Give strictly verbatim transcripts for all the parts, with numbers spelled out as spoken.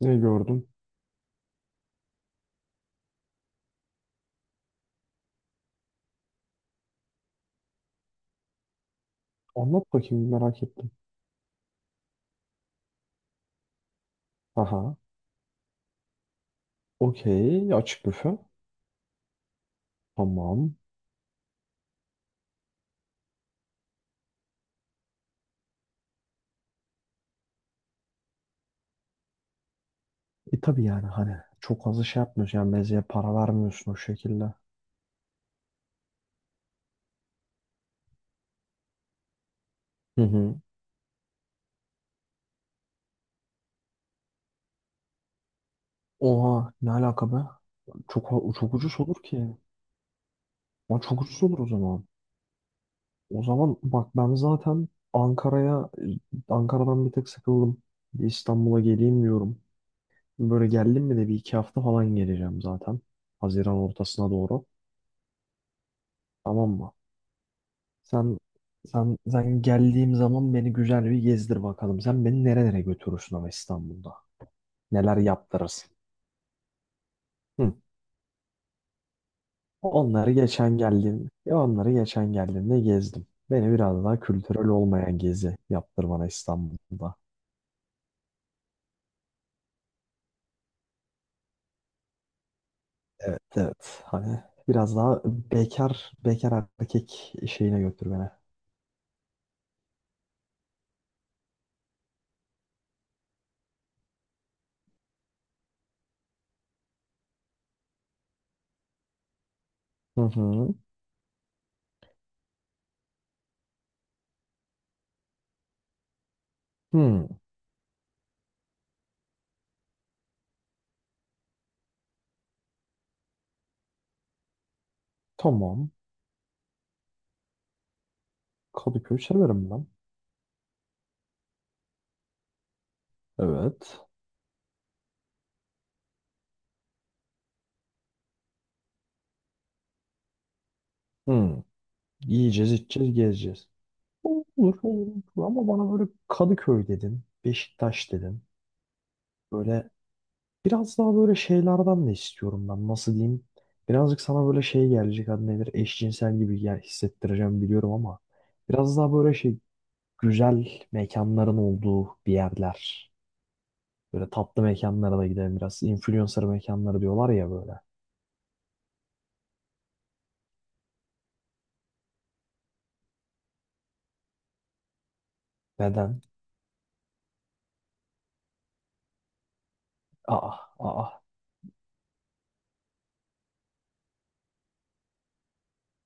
Ne gördün? Anlat bakayım merak ettim. Aha. Okey. Açık büfe. Tamam. E tabii yani hani çok fazla şey yapmıyorsun. Yani mezeye para vermiyorsun o şekilde. Hı hı. Oha ne alaka be? Çok, çok ucuz olur ki. Lan çok ucuz olur o zaman. O zaman bak ben zaten Ankara'ya Ankara'dan bir tek sıkıldım. Bir İstanbul'a geleyim diyorum. Böyle geldim mi de bir iki hafta falan geleceğim zaten. Haziran ortasına doğru. Tamam mı? Sen sen sen geldiğim zaman beni güzel bir gezdir bakalım. Sen beni nerelere götürürsün ama İstanbul'da? Neler yaptırırsın? Hı. Onları geçen geldiğim, ya onları geçen geldiğimde gezdim. Beni biraz daha kültürel olmayan gezi yaptır bana İstanbul'da. Evet, evet. Hani biraz daha bekar bekar erkek şeyine götür beni. Hı hı. Hı. Tamam. Kadıköy severim ben. Evet. Hı. Yiyeceğiz, içeceğiz, gezeceğiz. Olur, olur, olur. Ama bana böyle Kadıköy dedin, Beşiktaş dedin. Böyle biraz daha böyle şeylerden de istiyorum ben. Nasıl diyeyim? Birazcık sana böyle şey gelecek adı nedir? Eşcinsel gibi ya hissettireceğim biliyorum ama biraz daha böyle şey güzel mekanların olduğu bir yerler. Böyle tatlı mekanlara da gidelim biraz. Influencer mekanları diyorlar ya böyle. Neden? Aa, aa.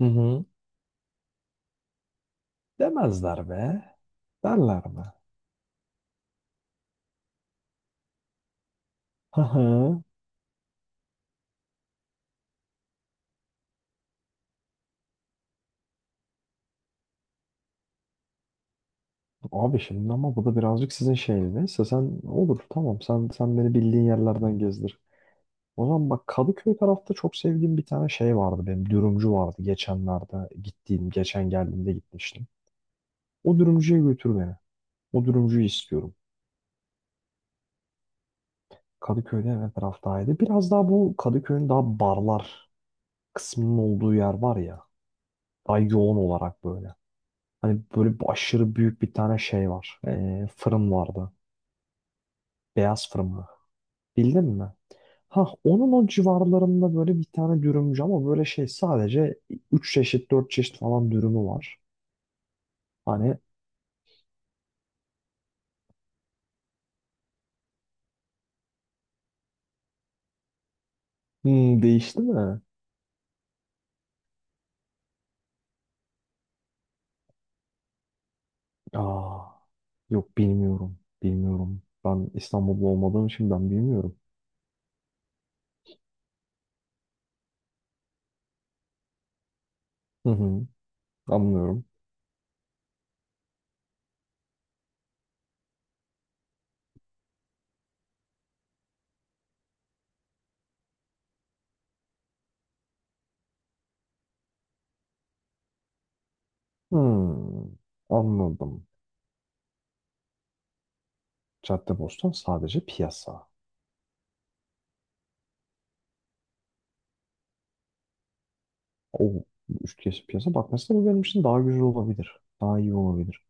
Hı hı. Demezler be. Derler mi? Hı hı. Abi şimdi ama bu da birazcık sizin şeyiniz. Neyse sen olur tamam sen sen beni bildiğin yerlerden gezdir. O zaman bak Kadıköy tarafta çok sevdiğim bir tane şey vardı benim dürümcü vardı geçenlerde gittiğim geçen geldiğimde gitmiştim. O dürümcüye götür beni. O dürümcüyü istiyorum. Kadıköy'de hemen taraftaydı. Biraz daha bu Kadıköy'ün daha barlar kısmının olduğu yer var ya daha yoğun olarak böyle. Hani böyle bir aşırı büyük bir tane şey var. Ee, fırın vardı. Beyaz fırın mı? Bildin mi? Ha onun o civarlarında böyle bir tane dürümcü ama böyle şey sadece üç çeşit dört çeşit falan dürümü var. Hani hmm, değişti mi? Aa, yok bilmiyorum. Bilmiyorum. Ben İstanbul'da olmadığım için ben bilmiyorum. Hı hı, anlıyorum. Hmm, Anladım. Caddebostan sadece piyasa. O üç kez piyasa. Bak mesela bu benim için daha güzel olabilir. Daha iyi olabilir.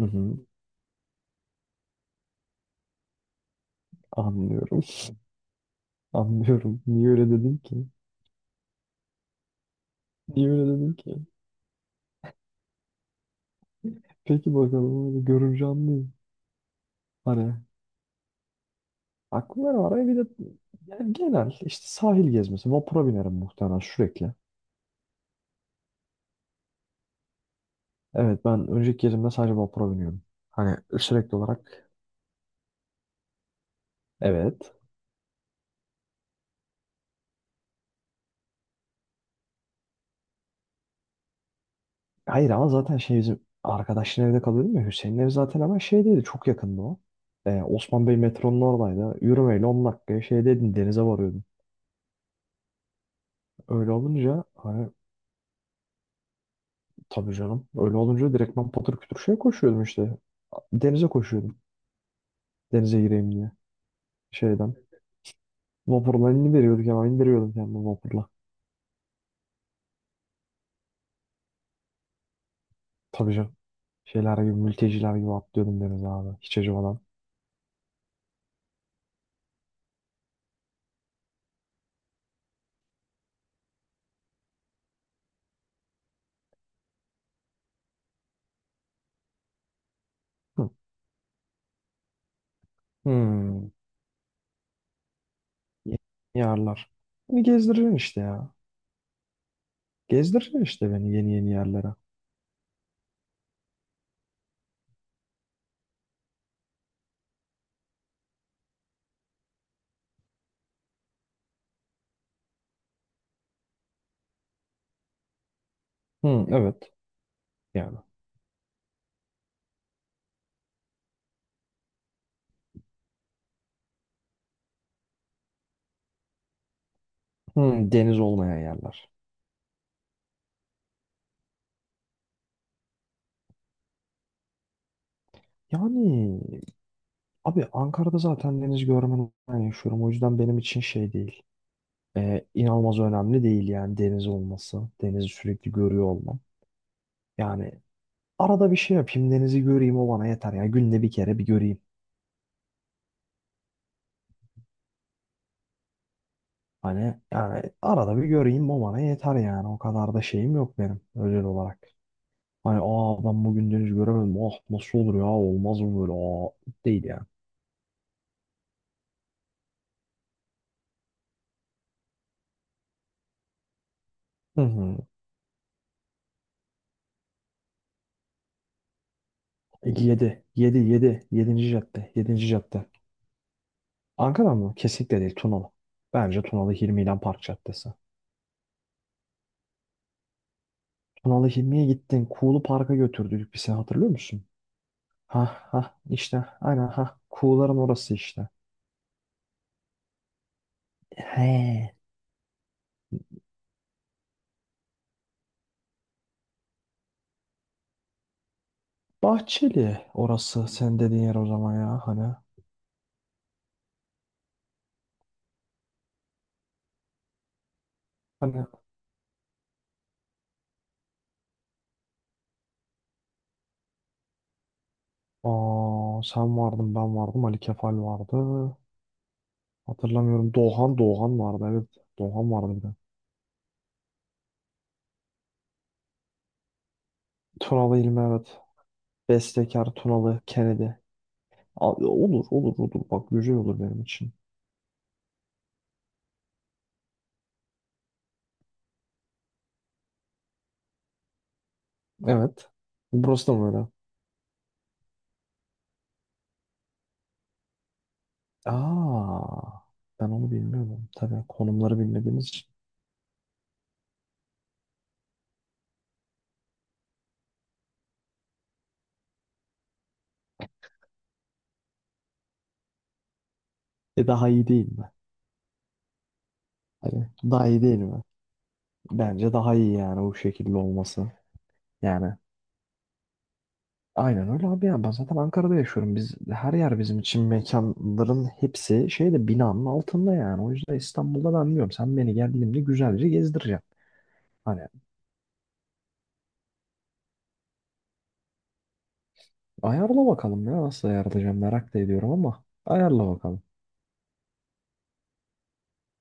Hı hı, anlıyorum. Anlıyorum. Niye öyle dedin ki? Niye öyle dedin ki? Peki bakalım öyle görünce anlayayım. Hani aklımda ne var. Bir de yani genel işte sahil gezmesi. Vapura binerim muhtemelen sürekli. Evet ben önceki gezimde sadece vapura biniyordum. Hani sürekli olarak evet. Hayır ama zaten şey bizim arkadaşın evde kalıyordum ya Hüseyin'in evi zaten hemen şeydeydi çok yakındı o. Ee, Osman Bey metronun oradaydı. Yürümeyle on dakikaya şeydeydin denize varıyordum. Öyle olunca hani tabii canım öyle olunca direktman patır kütür şeye koşuyordum işte. Denize koşuyordum. Denize gireyim diye. Şeyden. Vapurla indiriyorduk hemen indiriyordum kendimi vapurla. Tabii canım. Şeyler gibi mülteciler gibi atlıyordum denize abi. Hiç acımadan. Hı. Hmm. Yeni yerler. Beni gezdireceksin işte ya. Gezdireceksin işte beni yeni yeni yerlere. Hı, evet. Yani. Hı, deniz olmayan yerler. Yani abi Ankara'da zaten deniz görmeden yaşıyorum. O yüzden benim için şey değil. Ee, inanılmaz önemli değil yani deniz olması. Denizi sürekli görüyor olmam. Yani arada bir şey yapayım denizi göreyim o bana yeter ya. Günde bir kere bir göreyim. Hani yani arada bir göreyim o bana yeter yani. O kadar da şeyim yok benim özel olarak. Hani aa ben bugün deniz göremedim. Ah nasıl olur ya olmaz mı böyle aa değil yani. Hı hı. yedi, 7 7 yedinci cadde yedinci cadde. Ankara mı? Kesinlikle değil Tunalı. Bence Tunalı Hilmi ile Park Caddesi. Tunalı Hilmi'ye gittin. Kuğulu Park'a götürdük bir sene hatırlıyor musun? Ha ha işte aynen ha. Kuğuların orası işte. He. Bahçeli orası sen dediğin yer o zaman ya hani. Hani aa, sen vardın ben vardım Ali Kefal vardı. Hatırlamıyorum Doğan Doğan vardı evet. Doğan vardı bir de. Tunalı İlmi evet. Bestekar Tunalı Kennedy. A- olur olur olur bak güzel olur benim için. Evet. Burası da mı öyle? Aa, ben onu bilmiyorum. Tabii konumları bilmediğimiz için. E daha iyi değil mi? Hani daha iyi değil mi? Bence daha iyi yani bu şekilde olması. Yani aynen öyle abi ya. Ben zaten Ankara'da yaşıyorum. Biz her yer bizim için mekanların hepsi şeyde binanın altında yani. O yüzden İstanbul'da ben diyorum sen beni geldiğimde güzelce gezdireceksin. Hani ayarla bakalım ya nasıl ayarlayacağım merak da ediyorum ama ayarla bakalım.